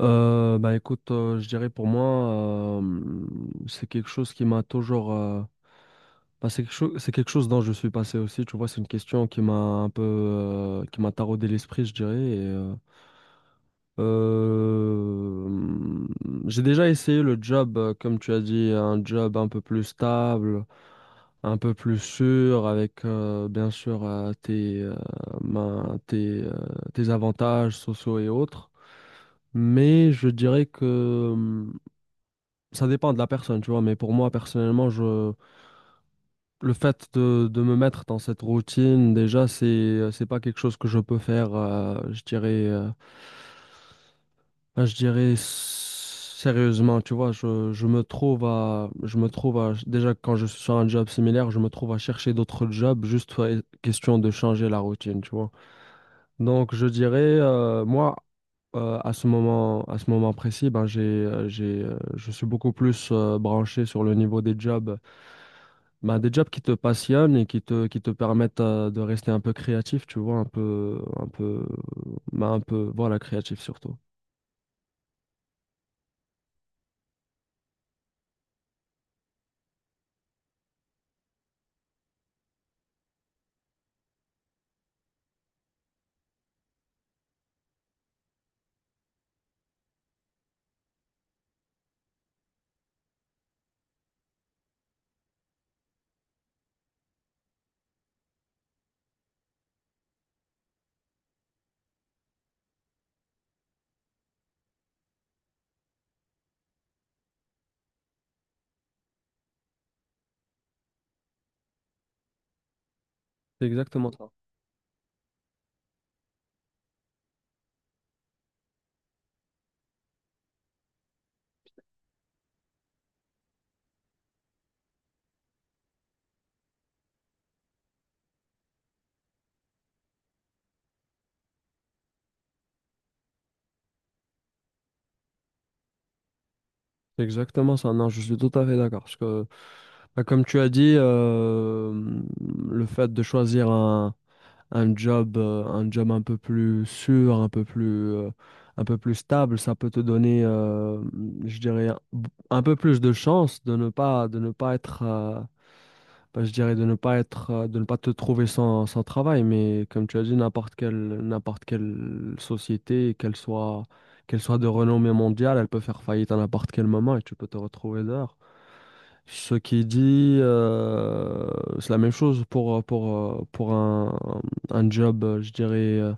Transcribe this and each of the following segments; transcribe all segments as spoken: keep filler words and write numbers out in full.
Euh, bah écoute, euh, je dirais pour moi, euh, c'est quelque chose qui m'a toujours... euh, bah, c'est quelque chose, c'est quelque chose dont je suis passé aussi, tu vois, c'est une question qui m'a un peu... euh, qui m'a taraudé l'esprit, je dirais. et, euh, euh, j'ai déjà essayé le job, euh, comme tu as dit, un job un peu plus stable, un peu plus sûr, avec euh, bien sûr euh, tes, euh, ben, tes, euh, tes avantages sociaux et autres. Mais je dirais que... Ça dépend de la personne, tu vois, mais pour moi, personnellement, je... Le fait de, de me mettre dans cette routine, déjà, c'est, c'est pas quelque chose que je peux faire, euh, je dirais, euh, ben, je dirais s- sérieusement, tu vois, je, je me trouve à, je me trouve à, déjà, quand je suis sur un job similaire, je me trouve à chercher d'autres jobs, juste euh, question de changer la routine, tu vois. Donc, je dirais, euh, moi, euh, à ce moment, à ce moment précis, ben, j'ai, euh, j'ai, euh, je suis beaucoup plus euh, branché sur le niveau des jobs. Bah, des jobs qui te passionnent et qui te, qui te permettent euh, de rester un peu créatif, tu vois, un peu, un peu, bah, un peu, voilà, créatif surtout. C'est exactement ça. C'est exactement ça. Non, je suis tout à fait d'accord. Parce que, bah, comme tu as dit, euh, le fait de choisir un, un job, euh, un job un peu plus sûr, un peu plus, euh, un peu plus stable, ça peut te donner, euh, je dirais, un un peu plus de chance de ne pas, de ne pas être, euh, bah, je dirais, de ne pas être, euh, de ne pas te trouver sans, sans travail. Mais comme tu as dit, n'importe quelle, n'importe quelle société, qu'elle soit, qu'elle soit de renommée mondiale, elle peut faire faillite à n'importe quel moment et tu peux te retrouver dehors. Ce qui dit, euh, c'est la même chose pour, pour, euh, pour un, un job, euh, je dirais, euh,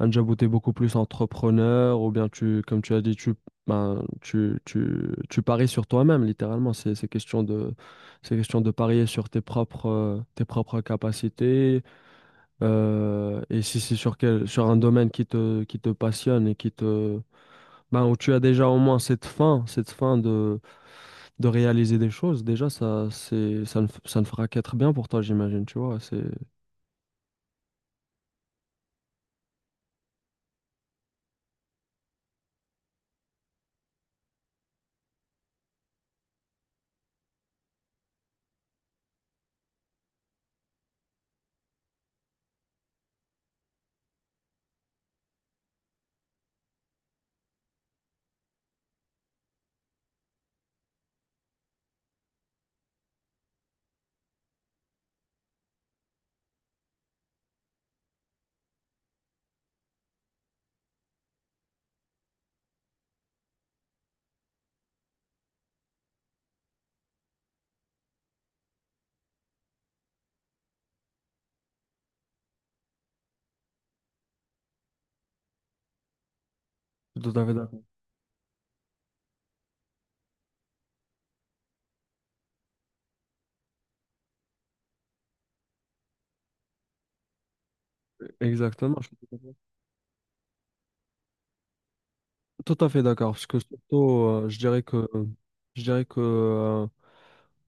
un job où tu es beaucoup plus entrepreneur, ou bien tu, comme tu as dit, tu, ben, tu, tu, tu paries sur toi-même, littéralement. C'est, c'est question de, c'est question de parier sur tes propres, euh, tes propres capacités. Euh, et si c'est sur quel, sur un domaine qui te, qui te passionne et qui te, ben, où tu as déjà au moins cette fin, cette fin de, de réaliser des choses, déjà, ça, c'est, ça ne, f- ça ne fera qu'être bien pour toi, j'imagine, tu vois. C'est, je suis tout à fait d'accord. Exactement. Je suis tout à fait, tout à fait d'accord. Parce que surtout, euh, je dirais que, je dirais que euh,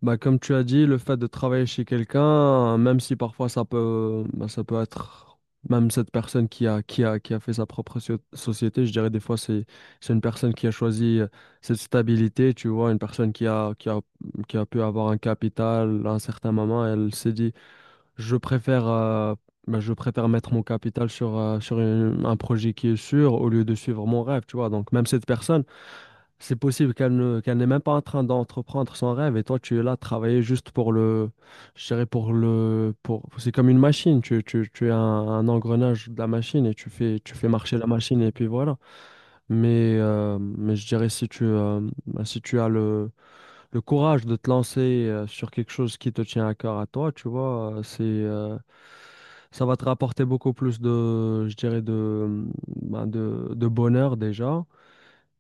bah, comme tu as dit, le fait de travailler chez quelqu'un, euh, même si parfois ça peut, bah, ça peut être même cette personne qui a, qui a, qui a fait sa propre so- société, je dirais des fois, c'est, c'est une personne qui a choisi euh, cette stabilité, tu vois, une personne qui a, qui a, qui a pu avoir un capital à un certain moment, elle s'est dit. Je préfère, euh, bah, je préfère mettre mon capital sur, euh, sur une- un projet qui est sûr au lieu de suivre mon rêve, tu vois. Donc, même cette personne, c'est possible qu'elle ne, qu'elle n'est même pas en train d'entreprendre son rêve et toi, tu es là, travailler juste pour le, je dirais pour le, pour, c'est comme une machine, tu, tu, tu es un, un engrenage de la machine et tu fais, tu fais marcher la machine et puis voilà. Mais, euh, mais je dirais si tu, euh, bah, si tu as le, le courage de te lancer euh, sur quelque chose qui te tient à cœur à toi, tu vois, euh, c'est euh, ça va te rapporter beaucoup plus de, je dirais de, ben, de, de bonheur déjà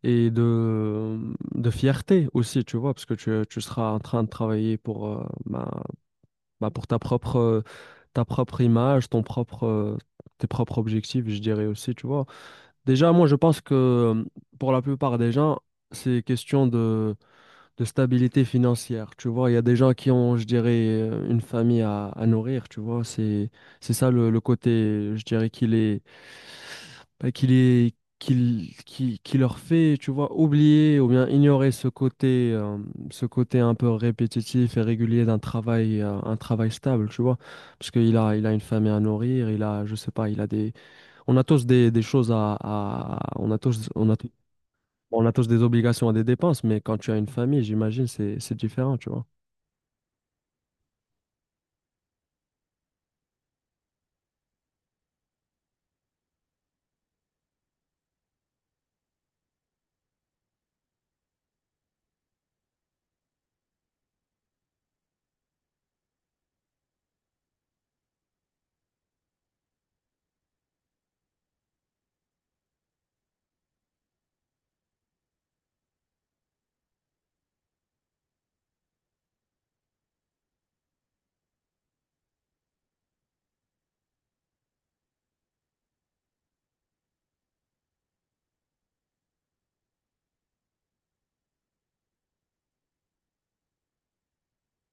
et de, mm, de fierté aussi, tu vois, parce que tu, tu seras en train de travailler pour, euh, ben, ben, pour ta propre, ta propre image, ton propre, euh, tes propres objectifs, je dirais aussi, tu vois. Déjà, moi, je pense que euh, pour la plupart des gens, c'est question de de stabilité financière. Tu vois, il y a des gens qui ont, je dirais, euh, une famille à, à nourrir, tu vois. C'est, c'est ça le, le côté, je dirais, qu'il est, bah, qu'il est, qu'il, qui, qui leur fait, tu vois, oublier ou bien ignorer ce côté, euh, ce côté un peu répétitif et régulier d'un travail, euh, un travail stable, tu vois. Parce qu'il a, il a une famille à nourrir, il a, je sais pas, il a des, on a tous des, des choses à, à- on a tous, on a tous- on a tous des obligations et des dépenses, mais quand tu as une famille, j'imagine, c'est c'est différent, tu vois.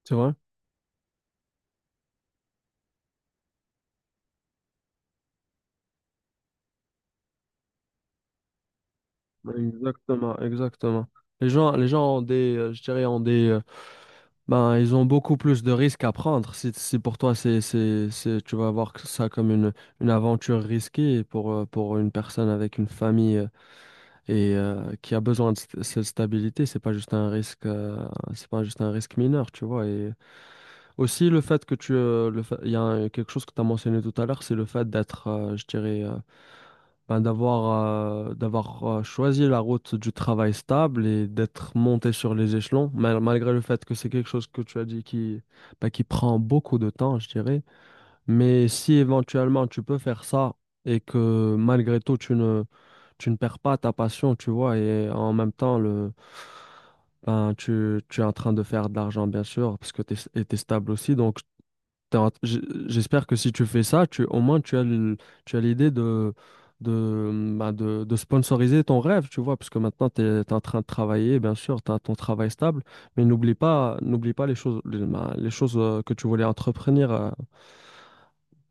C'est vrai? Exactement, exactement. Les gens, les gens ont des, euh, je dirais, ont des, euh, ben, ils ont beaucoup plus de risques à prendre. Si, si pour toi, c'est, c'est, c'est, tu vas voir que ça comme une, une aventure risquée pour, euh, pour une personne avec une famille euh, et euh, qui a besoin de st- cette stabilité, c'est pas juste un risque, euh, c'est pas juste un risque mineur, tu vois. Et aussi le fait que tu, euh, le fait- il y a un quelque chose que tu as mentionné tout à l'heure, c'est le fait d'être, euh, je dirais, euh, ben, d'avoir euh, d'avoir euh, choisi la route du travail stable et d'être monté sur les échelons, mal- malgré le fait que c'est quelque chose que tu as dit qui, ben, qui prend beaucoup de temps, je dirais. Mais si éventuellement tu peux faire ça et que malgré tout tu ne, tu ne perds pas ta passion, tu vois, et en même temps le, ben, tu, tu es en train de faire de l'argent, bien sûr, parce que tu es, stable aussi. Donc, T'as- j- j'espère que si tu fais ça, tu, au moins tu as le- tu as l'idée de, de, bah, de, de sponsoriser ton rêve, tu vois, parce que maintenant tu es en train de travailler, bien sûr, tu as ton travail stable, mais n'oublie pas, n'oublie pas les choses, les, bah, les choses euh, que tu voulais entreprendre euh,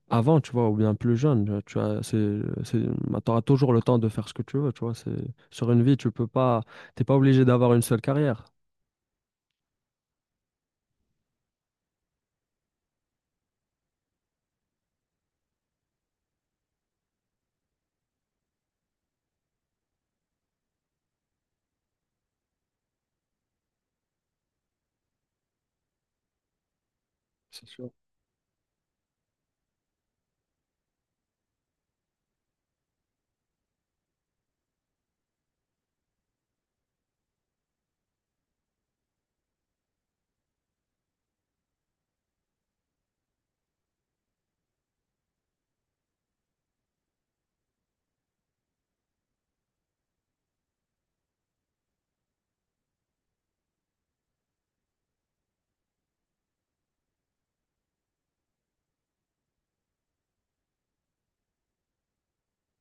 avant, tu vois, ou bien plus jeune. euh, Tu as, c'est, c'est, auras toujours le temps de faire ce que tu veux, tu vois. C'est, sur une vie, tu peux pas, t'es pas obligé d'avoir une seule carrière. C'est sûr,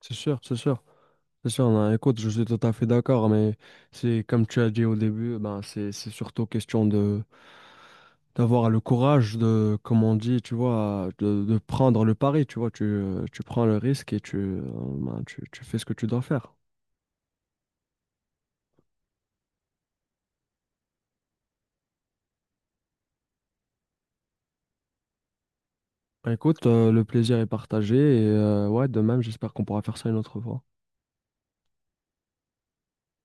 c'est sûr, c'est sûr. C'est sûr, non, écoute, je suis tout à fait d'accord, mais c'est comme tu as dit au début, ben c'est c'est surtout question de, d'avoir le courage de, comme on dit, tu vois, de, de prendre le pari, tu vois, tu, euh, tu prends le risque et tu, euh, ben, tu, tu fais ce que tu dois faire. Ben, écoute, euh, le plaisir est partagé et euh, ouais, de même, j'espère qu'on pourra faire ça une autre fois.